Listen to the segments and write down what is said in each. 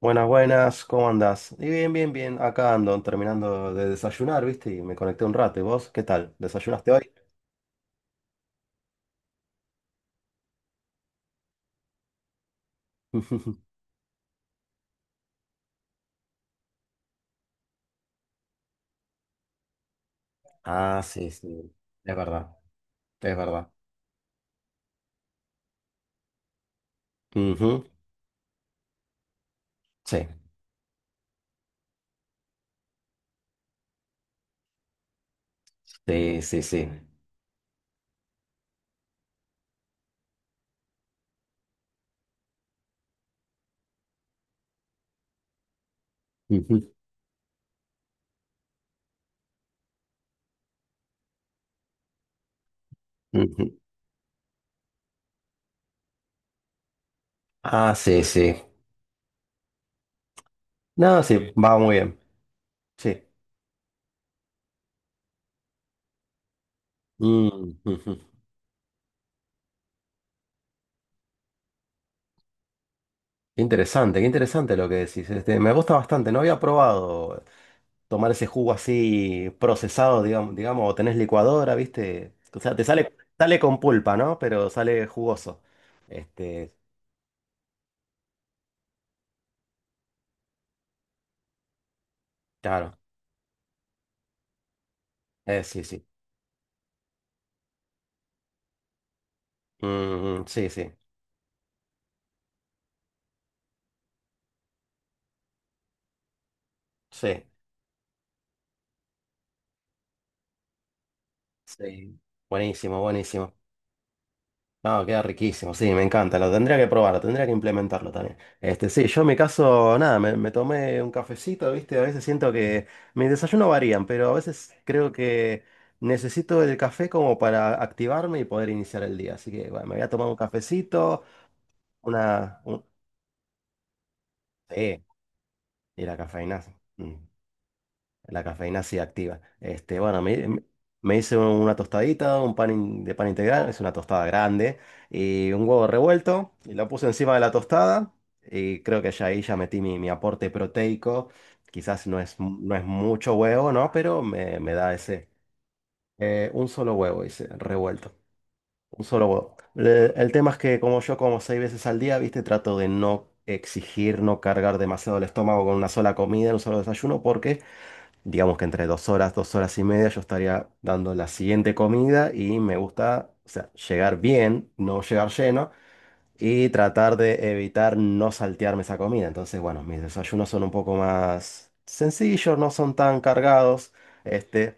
Buenas, buenas, ¿cómo andás? Y bien, acá ando terminando de desayunar, ¿viste? Y me conecté un rato. ¿Y vos? ¿Qué tal? ¿Desayunaste hoy? Ah, sí, sí, es verdad, es verdad. Ujú. Sí, sí, sí, sí. Ujú, ujú. Ah, sí, sí. No, sí, va muy bien. Sí. Mm, ujú. Qué interesante, qué interesante lo que decís. Me gusta bastante. No había probado tomar ese jugo así procesado, digamos, o tenés licuadora, ¿viste? O sea, te sale, sale con pulpa, ¿no? Pero sale jugoso. Este, claro. Sí, sí. Mm, sí, sí. Sí, sí. Buenísimo, buenísimo. No, queda riquísimo, sí, me encanta, lo tendría que probar, lo tendría que implementarlo también. Sí, yo en mi caso, nada, me tomé un cafecito, ¿viste? A veces siento que mis desayunos varían, pero a veces creo que necesito el café como para activarme y poder iniciar el día. Así que, bueno, me voy a tomar un cafecito, una... un- Sí, y la cafeína. mm, La cafeína sí activa. Hice una tostadita, de pan integral, es una tostada grande, y un huevo revuelto, y lo puse encima de la tostada, y creo que ya ahí ya metí mi aporte proteico. Quizás no es, mu- No es mucho huevo, ¿no? Pero me da ese. Un solo huevo, hice, revuelto. Un solo huevo. El tema es que como yo como seis veces al día, ¿viste? Trato de no exigir, no cargar demasiado el estómago con una sola comida, un solo desayuno, porque... Digamos que entre dos horas y media yo estaría dando la siguiente comida y me gusta, o sea, llegar bien, no llegar lleno y tratar de evitar no saltearme esa comida. Entonces, bueno, mis desayunos son un poco más sencillos, no son tan cargados, este,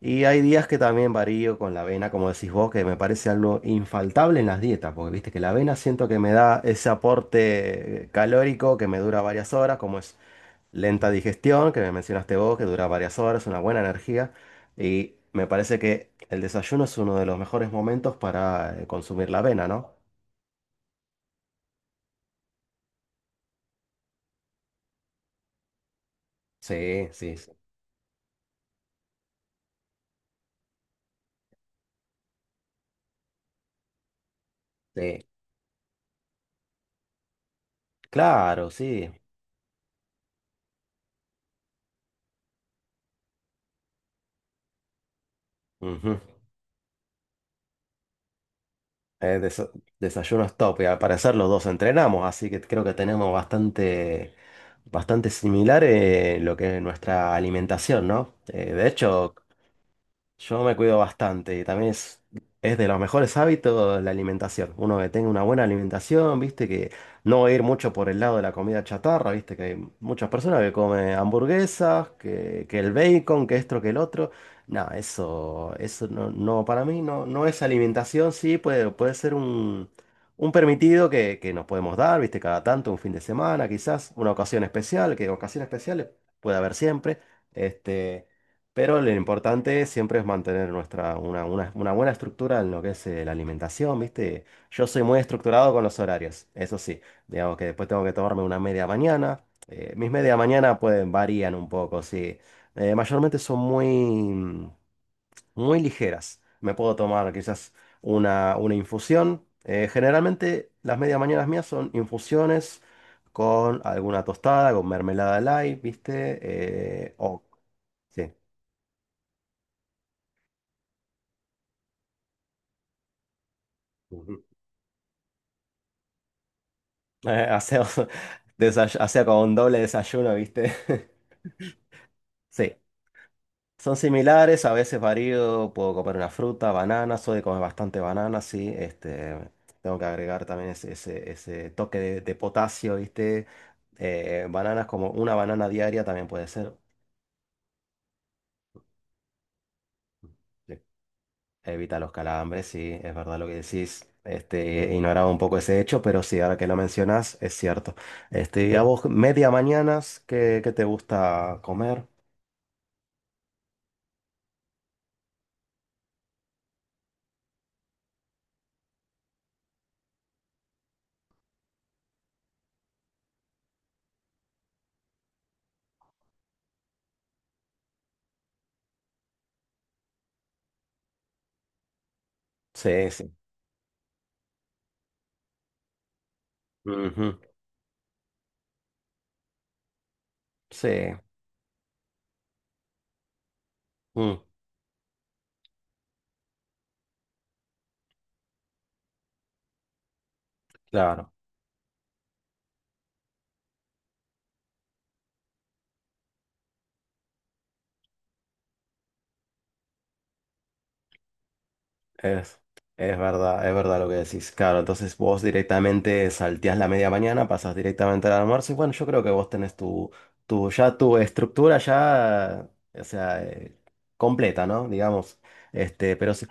y hay días que también varío con la avena, como decís vos, que me parece algo infaltable en las dietas, porque viste que la avena siento que me da ese aporte calórico que me dura varias horas, como es lenta digestión, que me mencionaste vos, que dura varias horas, una buena energía. Y me parece que el desayuno es uno de los mejores momentos para consumir la avena, ¿no? Sí, sí, sí. Sí. Claro, sí. Ujú. Eh, desa- Desayuno es top. Y al parecer los dos entrenamos, así que creo que tenemos bastante, bastante similar lo que es nuestra alimentación, ¿no? Yo me cuido bastante y también es de los mejores hábitos la alimentación. Uno que tenga una buena alimentación, viste, que no va a ir mucho por el lado de la comida chatarra, viste, que hay muchas personas que comen hamburguesas, que el bacon, que esto, que el otro. No, eso no, no, para mí no, no es alimentación, sí, puede ser un permitido que nos podemos dar, viste, cada tanto, un fin de semana, quizás, una ocasión especial, que ocasiones especiales puede haber siempre. Este. Pero lo importante siempre es mantener una buena estructura en lo que es la alimentación, ¿viste? Yo soy muy estructurado con los horarios, eso sí. Digamos que después tengo que tomarme una media mañana. Mis media mañana pueden varían un poco, sí. Mayormente son muy, mm, Muy ligeras. Me puedo tomar quizás una infusión. Generalmente las medias mañanas mías son infusiones con alguna tostada, con mermelada light, ¿viste? Eh, o... sí. Eh, hacemos, Hacía como un doble desayuno, ¿viste? Sí, son similares, a veces varío, puedo comer una fruta, banana, soy de comer bastante banana, sí, tengo que agregar también ese toque de potasio, ¿viste? Bananas como una banana diaria también puede ser. Sí. Evita los calambres, sí, es verdad lo que decís. Ignoraba un poco ese hecho, pero sí, ahora que lo mencionas, es cierto. Este, ¿y a vos, media mañanas, qué te gusta comer? Sí, sí. Ujú. Sí, mm. Claro. Es, es verdad, es verdad lo que decís. Claro, entonces vos directamente salteás la media mañana, pasás directamente al almuerzo y bueno, yo creo que vos tenés tu estructura ya, o sea, completa, ¿no? Digamos. Este, pero sí-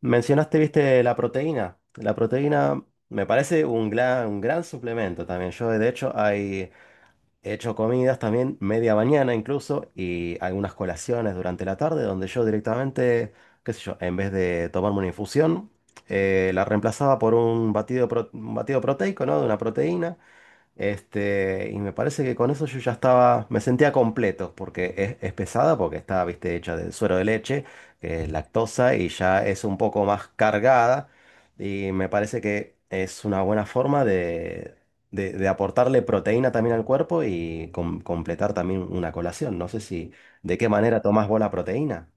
Mencionaste, viste, la proteína. La proteína me parece un gran suplemento también. Yo, de hecho, hay... He hecho comidas también media mañana incluso y algunas colaciones durante la tarde donde yo directamente, qué sé yo, en vez de tomarme una infusión, la reemplazaba por un batido proteico, ¿no? De una proteína. Y me parece que con eso yo ya estaba, me sentía completo, porque es pesada, porque está, viste, hecha de suero de leche, que es lactosa, y ya es un poco más cargada, y me parece que es una buena forma de aportarle proteína también al cuerpo y completar también una colación. No sé si, de qué manera tomás vos la proteína.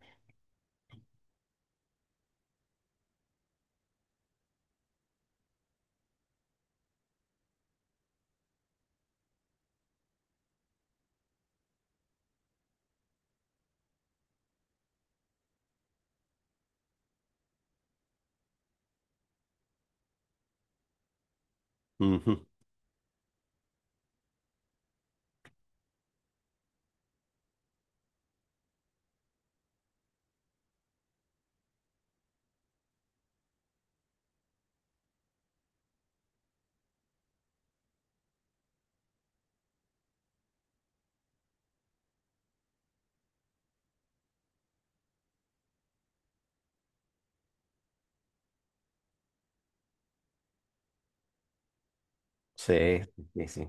Ujú. Sí, sí, sí.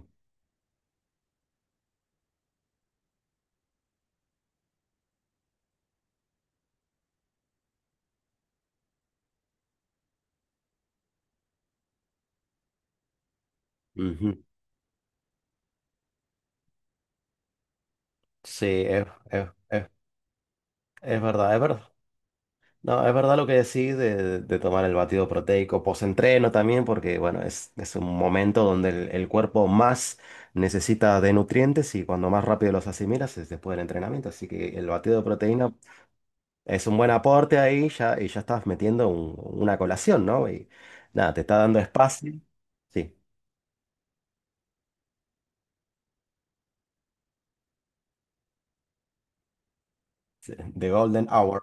Ujú. Sí, es, es, es, es verdad, es verdad. No, es verdad lo que decís de tomar el batido proteico post-entreno también, porque bueno, es un momento donde el cuerpo más necesita de nutrientes y cuando más rápido los asimilas es después del entrenamiento. Así que el batido de proteína es un buen aporte ahí ya, y ya estás metiendo una colación, ¿no? Y nada, te está dando espacio. Sí, the golden hour,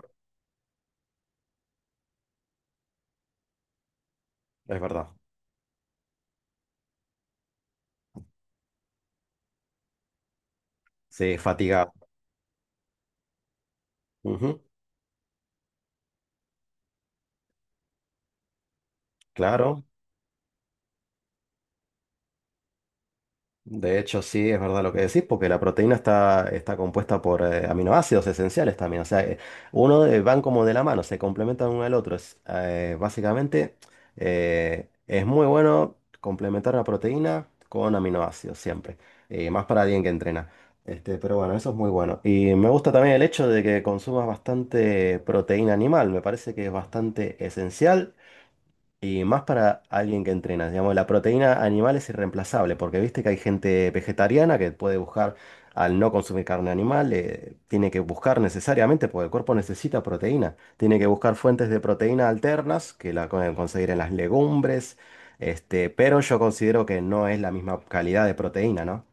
es verdad. Sí, fatigado. Ujú, claro. De hecho, sí, es verdad lo que decís, porque la proteína está, está compuesta por aminoácidos esenciales también. O sea, uno van como de la mano, se complementan uno al otro. Básicamente, es muy bueno complementar la proteína con aminoácidos siempre. Y más para alguien que entrena. Este, pero bueno, eso es muy bueno. Y me gusta también el hecho de que consumas bastante proteína animal. Me parece que es bastante esencial y más para alguien que entrena, digamos, la proteína animal es irreemplazable, porque viste que hay gente vegetariana que puede buscar, al no consumir carne animal, tiene que buscar necesariamente, porque el cuerpo necesita proteína, tiene que buscar fuentes de proteína alternas, que la pueden conseguir en las legumbres, este, pero yo considero que no es la misma calidad de proteína, ¿no?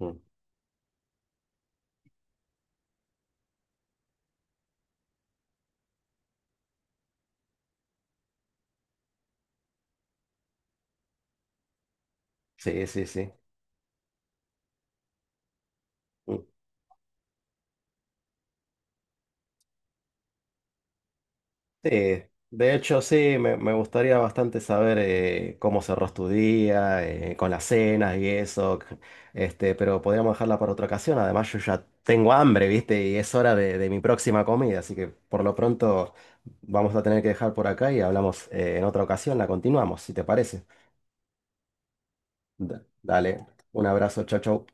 Mm. Sí, sí, sí. Mm. Sí, de hecho sí, me gustaría bastante saber cómo cerró tu día, con las cenas y eso, este, pero podríamos dejarla para otra ocasión. Además yo ya tengo hambre, ¿viste? Y es hora de mi próxima comida, así que por lo pronto vamos a tener que dejar por acá y hablamos en otra ocasión, la continuamos, si te parece. Dale, un abrazo, chau, chau.